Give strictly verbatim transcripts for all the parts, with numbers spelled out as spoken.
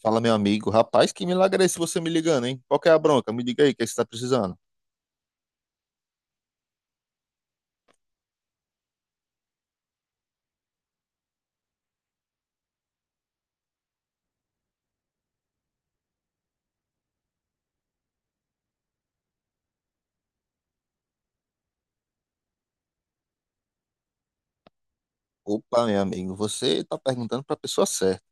Fala, meu amigo. Rapaz, que milagre é esse você me ligando, hein? Qual que é a bronca? Me diga aí, o que é que você tá precisando? Opa, meu amigo, você tá perguntando pra pessoa certa.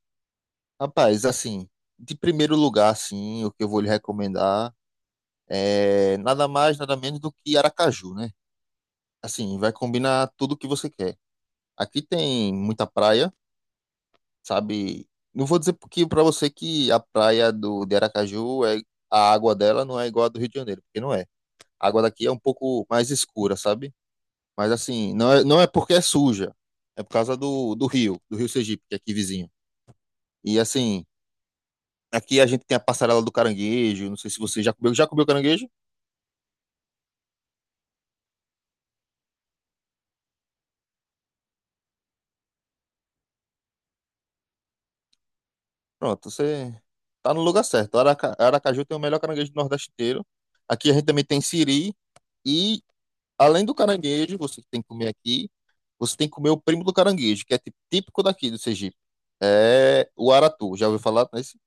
Rapaz, assim, de primeiro lugar, assim, o que eu vou lhe recomendar é nada mais, nada menos do que Aracaju, né? Assim, vai combinar tudo o que você quer. Aqui tem muita praia, sabe? Não vou dizer porque pra você que a praia do, de Aracaju, é, a água dela não é igual a do Rio de Janeiro, porque não é. A água daqui é um pouco mais escura, sabe? Mas assim, não é, não é porque é suja, é por causa do, do rio, do rio Sergipe, que é aqui vizinho. E assim, aqui a gente tem a passarela do caranguejo, não sei se você já comeu, já comeu caranguejo? Pronto, você tá no lugar certo. Araca, Aracaju tem o melhor caranguejo do Nordeste inteiro. Aqui a gente também tem siri e além do caranguejo, você tem que comer aqui, você tem que comer o primo do caranguejo, que é tipo- típico daqui do Sergipe. É o aratu, já ouviu falar nesse?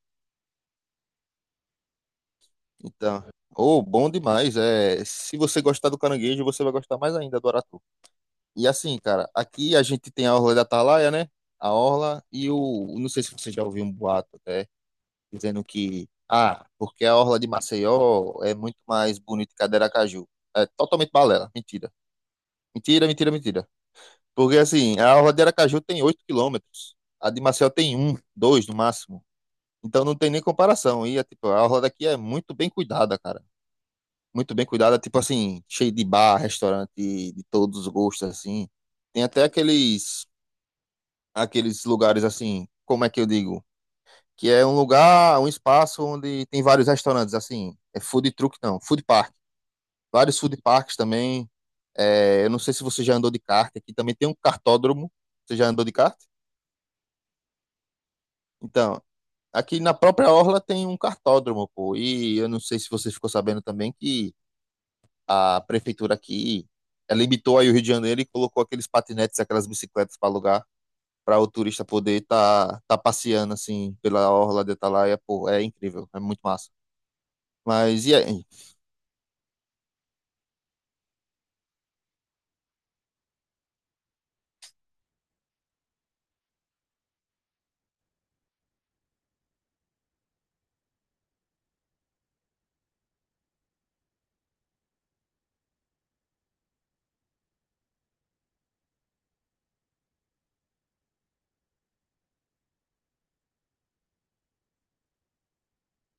Então, oh, bom demais. É, se você gostar do caranguejo, você vai gostar mais ainda do aratu. E assim, cara, aqui a gente tem a Orla da Atalaia, né? A Orla e o. Não sei se você já ouviu um boato até, dizendo que. Ah, porque a Orla de Maceió é muito mais bonita que a de Aracaju. É totalmente balela. Mentira. Mentira, mentira, mentira. Porque assim, a Orla de Aracaju tem oito quilômetros. A de Maceió tem um, dois no máximo. Então não tem nem comparação. E é, tipo, a Orla daqui é muito bem cuidada, cara. Muito bem cuidada, tipo assim, cheio de bar, restaurante de todos os gostos, assim. Tem até aqueles aqueles lugares assim, como é que eu digo? Que é um lugar, um espaço onde tem vários restaurantes, assim, é food truck não, food park. Vários food parks também. É, eu não sei se você já andou de kart, aqui também tem um kartódromo. Você já andou de kart? Então, aqui na própria orla tem um kartódromo, pô. E eu não sei se você ficou sabendo também que a prefeitura aqui eh, limitou aí o Rio de Janeiro e colocou aqueles patinetes, aquelas bicicletas para alugar para o turista poder estar tá, tá passeando assim pela orla de Atalaia, pô, é incrível, é muito massa. Mas e aí,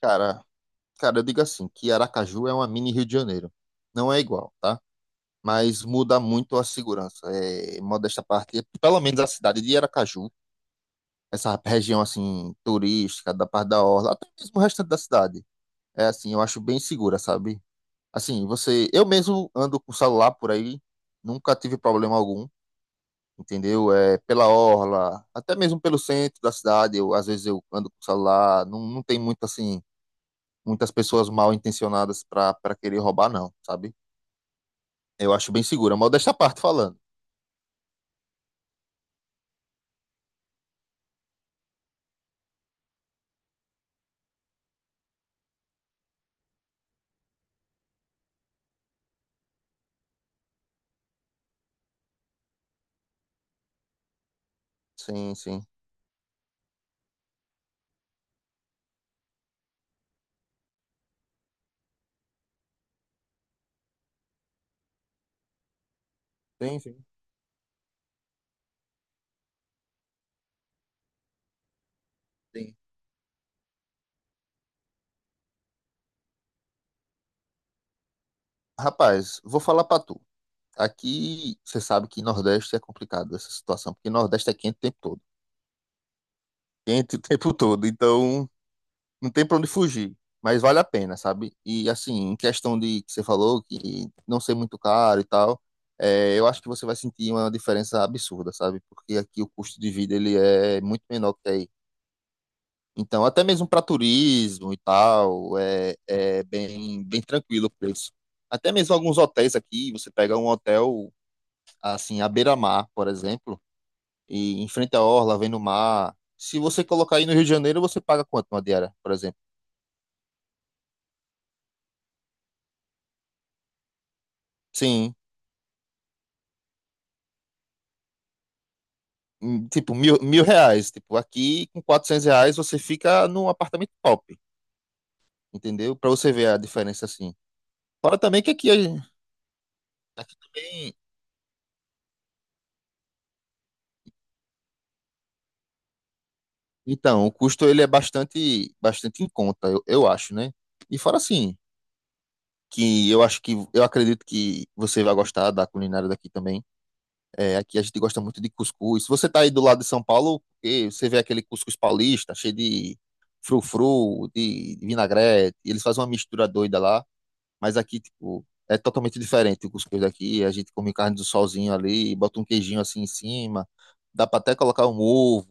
cara, cara, eu digo assim, que Aracaju é uma mini Rio de Janeiro. Não é igual, tá? Mas muda muito a segurança. É, modesta parte, pelo menos a cidade de Aracaju, essa região assim turística da parte da orla, até mesmo o restante da cidade. É assim, eu acho bem segura, sabe? Assim, você, eu mesmo ando com o celular por aí, nunca tive problema algum. Entendeu? É, pela orla, até mesmo pelo centro da cidade, eu, às vezes eu ando com o celular, não, não tem muito assim, muitas pessoas mal intencionadas para para querer roubar, não, sabe? Eu acho bem segura, mas desta parte falando. Sim, sim. Sim, sim, sim. Rapaz, vou falar pra tu. Aqui, você sabe que Nordeste é complicado essa situação, porque Nordeste é quente o tempo todo. Quente o tempo todo, então não tem pra onde fugir, mas vale a pena, sabe? E assim, em questão de que você falou, que não ser muito caro e tal, é, eu acho que você vai sentir uma diferença absurda, sabe? Porque aqui o custo de vida ele é muito menor que aí. Então, até mesmo para turismo e tal, é, é bem, bem tranquilo o preço. Até mesmo alguns hotéis aqui, você pega um hotel assim à beira-mar, por exemplo, e em frente à orla, vem no mar. Se você colocar aí no Rio de Janeiro, você paga quanto uma diária, por exemplo? Sim, hum, tipo, mil, mil reais. Tipo, aqui com quatrocentos reais você fica num apartamento top, entendeu? Para você ver a diferença assim. Fora também que aqui, a- aqui também. Então, o custo ele é bastante, bastante em conta, eu, eu acho, né? E fora assim, que eu acho que eu acredito que você vai gostar da culinária daqui também. É, aqui a gente gosta muito de cuscuz. Se você tá aí do lado de São Paulo, eh, você vê aquele cuscuz paulista, cheio de frufru, de, de vinagrete, eles fazem uma mistura doida lá. Mas aqui, tipo, é totalmente diferente o cuscuz daqui. A gente come carne do solzinho ali, bota um queijinho assim em cima. Dá pra até colocar um ovo,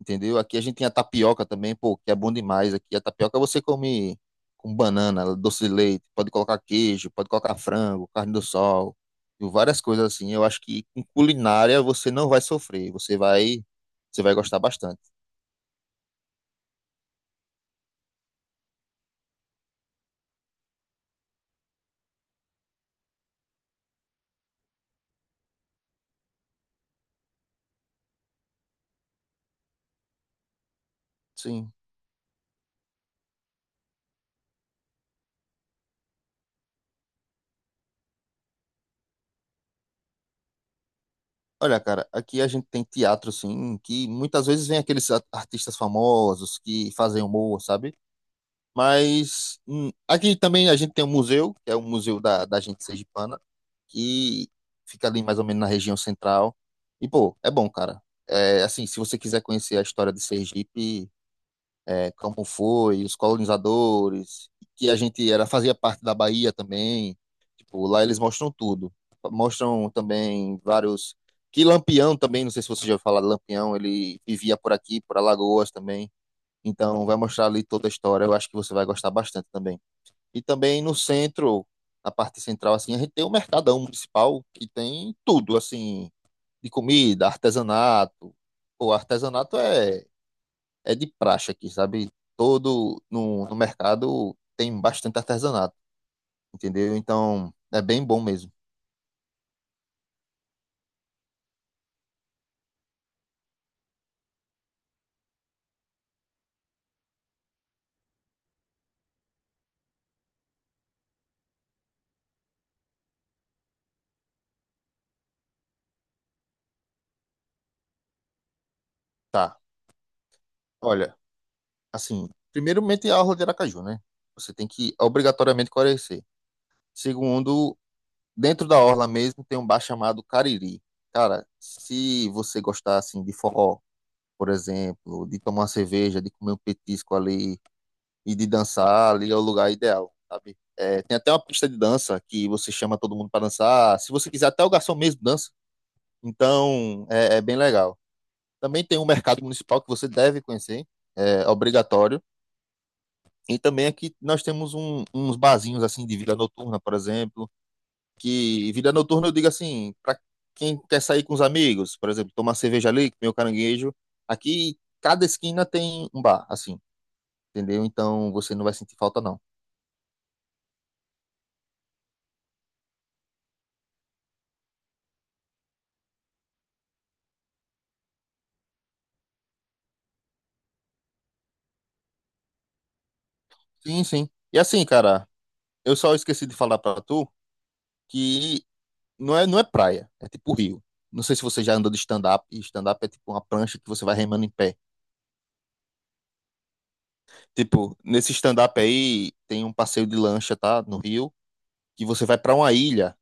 entendeu? Aqui a gente tem a tapioca também, pô, que é bom demais. Aqui a tapioca você come com banana, doce de leite, pode colocar queijo, pode colocar frango, carne do sol, e várias coisas assim. Eu acho que com culinária você não vai sofrer, você vai, você vai gostar bastante. Sim. Olha, cara, aqui a gente tem teatro, sim, que muitas vezes vem aqueles a- artistas famosos que fazem humor, sabe? Mas hum, aqui também a gente tem um museu, que é o Museu da, da Gente Sergipana, que fica ali mais ou menos na região central. E, pô, é bom, cara. É, assim, se você quiser conhecer a história de Sergipe, é, como foi, os colonizadores, que a gente era, fazia parte da Bahia também. Tipo, lá eles mostram tudo. Mostram também vários. Que Lampião também, não sei se você já ouviu falar de Lampião, ele vivia por aqui, por Alagoas também. Então vai mostrar ali toda a história. Eu acho que você vai gostar bastante também. E também no centro, na parte central, assim, a gente tem o Mercadão Municipal, que tem tudo, assim, de comida, artesanato. O artesanato é É de praxe aqui, sabe? Todo no, no mercado tem bastante artesanato, entendeu? Então é bem bom mesmo. Tá, olha, assim, primeiramente a orla de Aracaju, né? Você tem que obrigatoriamente conhecer. Segundo, dentro da orla mesmo tem um bar chamado Cariri. Cara, se você gostar assim de forró, por exemplo, de tomar uma cerveja, de comer um petisco ali, e de dançar ali é o lugar ideal, sabe? É, tem até uma pista de dança que você chama todo mundo para dançar. Se você quiser, até o garçom mesmo dança. Então, é, é bem legal. Também tem um mercado municipal que você deve conhecer, é obrigatório. E também aqui nós temos um- uns barzinhos assim de vida noturna, por exemplo, que vida noturna eu digo assim, para quem quer sair com os amigos, por exemplo, tomar cerveja ali, comer o caranguejo, aqui cada esquina tem um bar, assim, entendeu? Então você não vai sentir falta não. Sim, sim. E assim, cara, eu só esqueci de falar pra tu que não é, não é praia, é tipo rio. Não sei se você já andou de stand-up, e stand-up é tipo uma prancha que você vai remando em pé. Tipo, nesse stand-up aí tem um passeio de lancha, tá? No rio, que você vai pra uma ilha,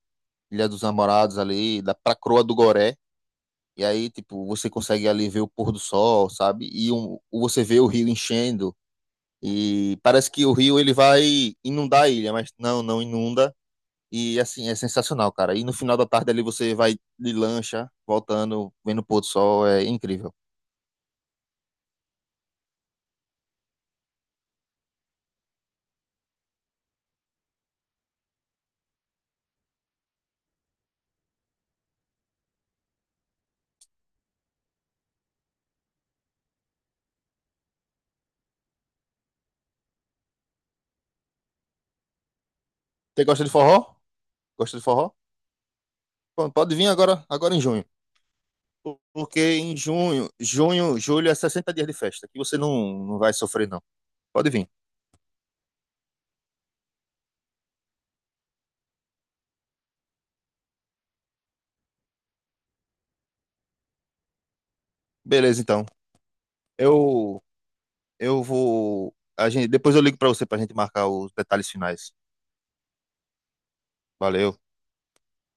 Ilha dos Namorados ali, da pra Croa do Goré. E aí, tipo, você consegue ali ver o pôr do sol, sabe? E um, você vê o rio enchendo. E parece que o rio ele vai inundar a ilha, mas não, não inunda. E assim, é sensacional, cara. E no final da tarde ali você vai de lancha, voltando, vendo o pôr do sol, é incrível. Você gosta de forró? Gosta de forró? Pô, pode vir agora, agora em junho. Por- Porque em junho, junho, julho é sessenta dias de festa, que você não, não vai sofrer, não. Pode vir. Beleza, então. Eu eu vou a gente, Depois eu ligo pra você pra gente marcar os detalhes finais. Valeu.